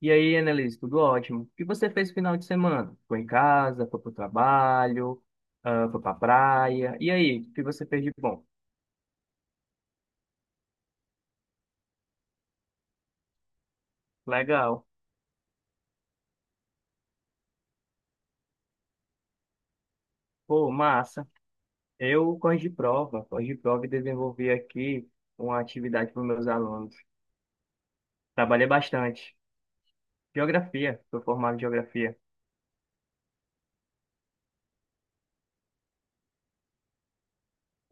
E aí, Annelise, tudo ótimo? O que você fez no final de semana? Foi em casa, foi pro trabalho, ah, foi pra praia. E aí, o que você fez de bom? Legal. Pô, massa. Eu, corrigi prova e desenvolvi aqui uma atividade para meus alunos. Trabalhei bastante. Geografia, sou formado em geografia.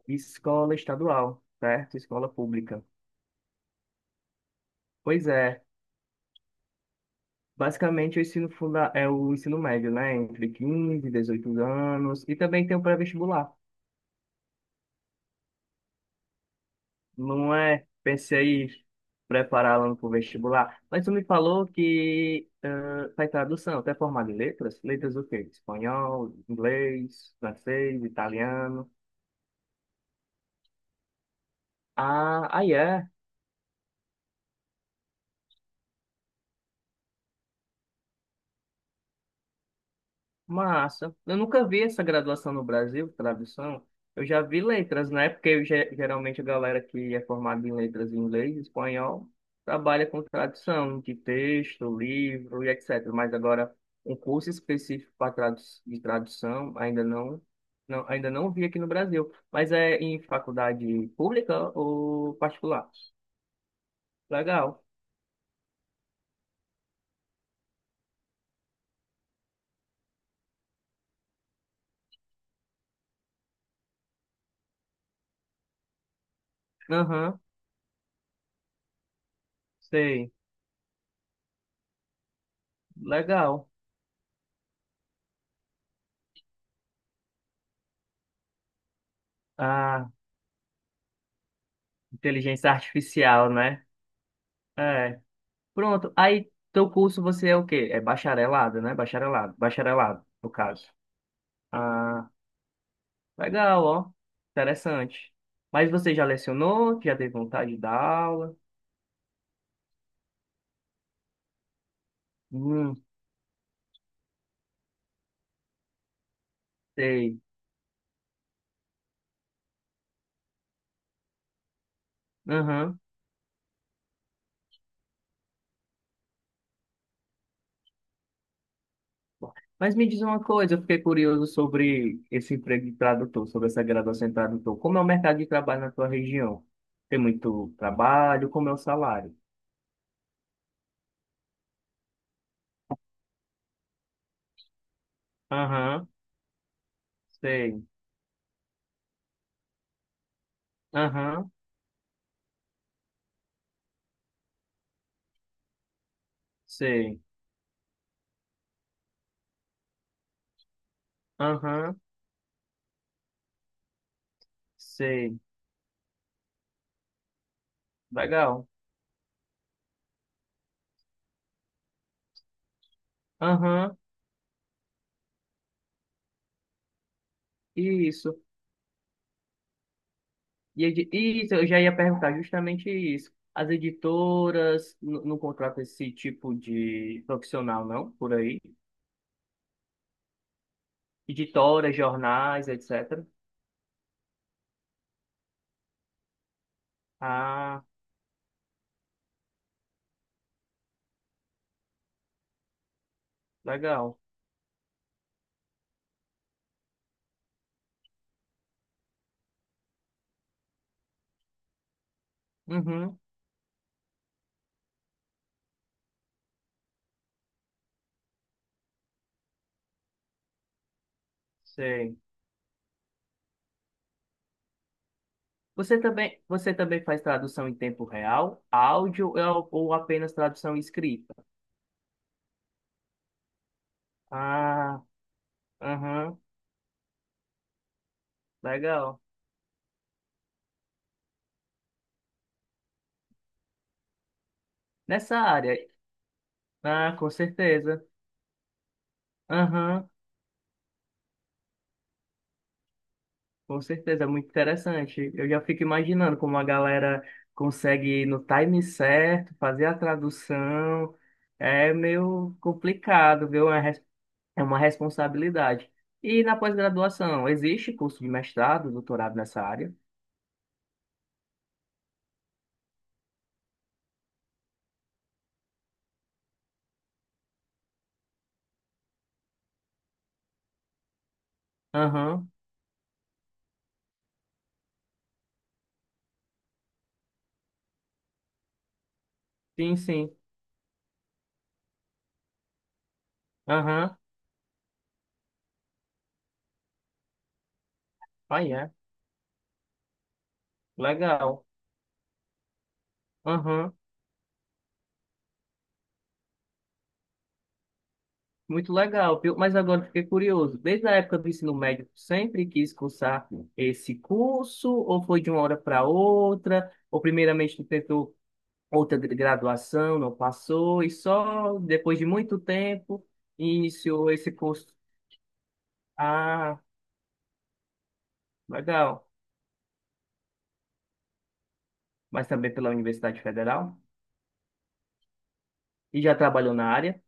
Escola estadual, certo? Escola pública. Pois é. Basicamente, o ensino funda é o ensino médio, né? Entre 15 e 18 anos. E também tem o pré-vestibular. Não é? Pensei em prepará-la para o vestibular. Mas tu me falou que faz tradução, até formado em letras? Letras o quê? Espanhol, inglês, francês, italiano. Ah, aí é. Massa. Eu nunca vi essa graduação no Brasil, tradução. Eu já vi letras, né? Porque eu, geralmente a galera que é formada em letras em inglês, espanhol, trabalha com tradução de texto, livro e etc. Mas agora, um curso específico para tradu de tradução, ainda não, não, ainda não vi aqui no Brasil. Mas é em faculdade pública ou particular? Legal. Aham, sei. Legal. Ah, inteligência artificial, né? É. Pronto. Aí, teu curso você é o quê? É bacharelado, né? Bacharelado. Bacharelado, no caso. Ah, legal, ó. Interessante. Mas você já lecionou? Já teve vontade de dar aula? Hum, sei. Aham. Mas me diz uma coisa, eu fiquei curioso sobre esse emprego de tradutor, sobre essa graduação em tradutor. Como é o mercado de trabalho na tua região? Tem muito trabalho? Como é o salário? Aham, sei. Aham, sei. Aham, sei. Legal. Aham, isso. E isso, eu já ia perguntar justamente isso. As editoras não contratam esse tipo de profissional, não, por aí? Editoras, jornais, etc. Ah, legal. Uhum, sei. Você também faz tradução em tempo real, áudio ou apenas tradução escrita? Ah, aham, legal. Nessa área, ah, com certeza. Aham. Com certeza, é muito interessante. Eu já fico imaginando como a galera consegue ir no time certo, fazer a tradução. É meio complicado, viu? É uma responsabilidade. E na pós-graduação, existe curso de mestrado, doutorado nessa área? Aham, sim, sim. Aham, aí é. Legal. Aham. Muito legal, viu? Mas agora eu fiquei curioso. Desde a época do ensino médio, tu sempre quis cursar esse curso, ou foi de uma hora para outra, ou primeiramente tu tentou outra graduação, não passou, e só depois de muito tempo iniciou esse curso. Ah, legal. Mas também pela Universidade Federal? E já trabalhou na área?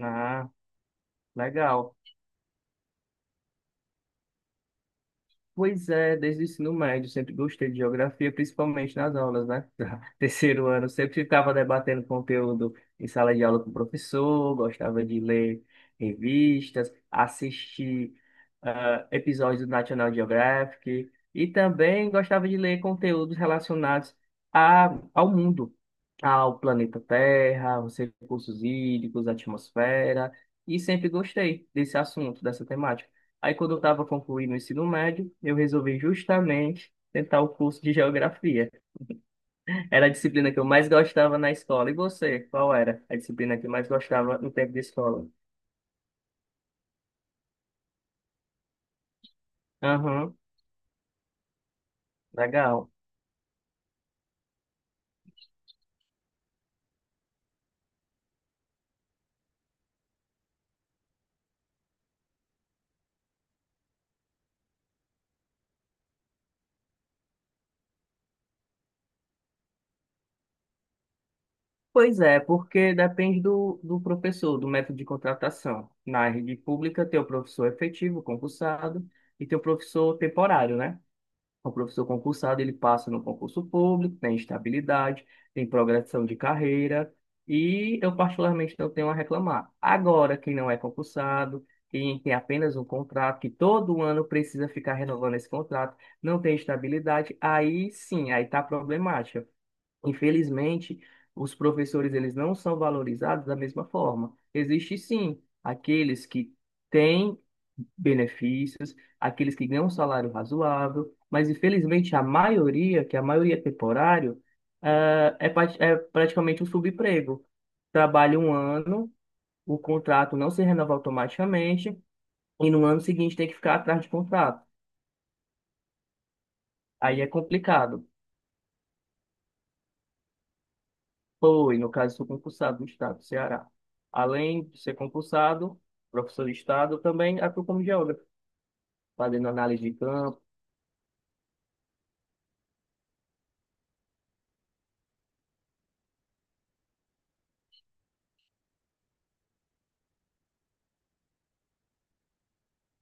Ah, legal. Pois é, desde o ensino médio, sempre gostei de geografia, principalmente nas aulas, né? Terceiro ano, sempre ficava debatendo conteúdo em sala de aula com o professor, gostava de ler revistas, assistir episódios do National Geographic e também gostava de ler conteúdos relacionados ao mundo, ao planeta Terra, os recursos hídricos, a atmosfera, e sempre gostei desse assunto, dessa temática. Aí, quando eu estava concluindo o ensino médio, eu resolvi justamente tentar o curso de geografia. Era a disciplina que eu mais gostava na escola. E você, qual era a disciplina que mais gostava no tempo de escola? Aham, legal. Pois é, porque depende do professor, do método de contratação. Na rede pública, tem o professor é efetivo, concursado, e tem o professor temporário, né? O professor concursado, ele passa no concurso público, tem estabilidade, tem progressão de carreira e eu particularmente não tenho a reclamar. Agora, quem não é concursado, quem tem apenas um contrato, que todo ano precisa ficar renovando esse contrato, não tem estabilidade, aí sim, aí está problemático. Infelizmente, os professores eles não são valorizados da mesma forma. Existe sim aqueles que têm benefícios, aqueles que ganham um salário razoável, mas infelizmente a maioria, que é a maioria é temporário, é praticamente um subemprego. Trabalha um ano, o contrato não se renova automaticamente e no ano seguinte tem que ficar atrás de contrato. Aí é complicado. Foi, no caso, sou concursado do Estado do Ceará. Além de ser concursado, professor de Estado, também atuo como geógrafo, fazendo análise de campo.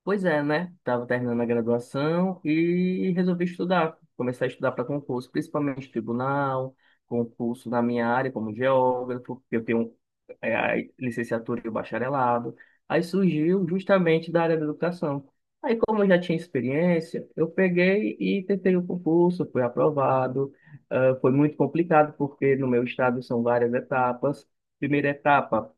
Pois é, né? Estava terminando a graduação e resolvi estudar. Começar a estudar para concurso, principalmente tribunal, concurso na minha área como geógrafo, porque eu tenho é, a licenciatura e o bacharelado. Aí surgiu justamente da área da educação. Aí, como eu já tinha experiência, eu peguei e tentei o concurso, fui aprovado. Ah, foi muito complicado, porque no meu estado são várias etapas. Primeira etapa,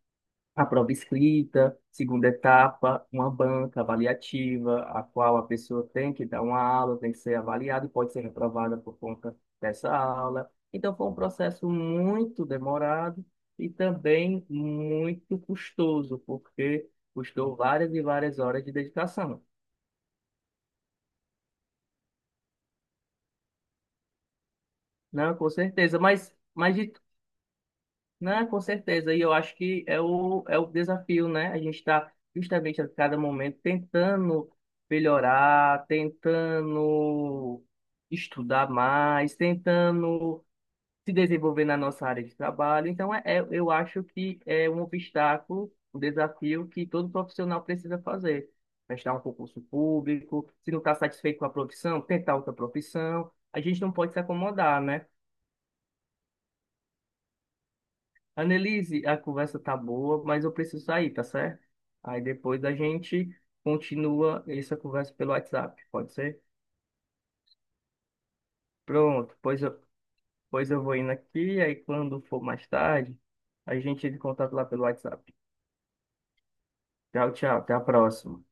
a prova escrita, segunda etapa, uma banca avaliativa, a qual a pessoa tem que dar uma aula, tem que ser avaliada e pode ser reprovada por conta dessa aula. Então, foi um processo muito demorado e também muito custoso, porque custou várias e várias horas de dedicação. Não, com certeza, mas de Né, com certeza. E eu acho que é o desafio, né? A gente está justamente a cada momento tentando melhorar, tentando estudar mais, tentando se desenvolver na nossa área de trabalho. Então, eu acho que é um obstáculo, um desafio que todo profissional precisa fazer. Prestar um concurso público, se não está satisfeito com a profissão, tentar outra profissão. A gente não pode se acomodar, né? Annelise, a conversa tá boa, mas eu preciso sair, tá certo? Aí depois a gente continua essa conversa pelo WhatsApp, pode ser? Pronto, pois eu vou indo aqui, aí quando for mais tarde, a gente entra em contato lá pelo WhatsApp. Tchau, tchau, até a próxima.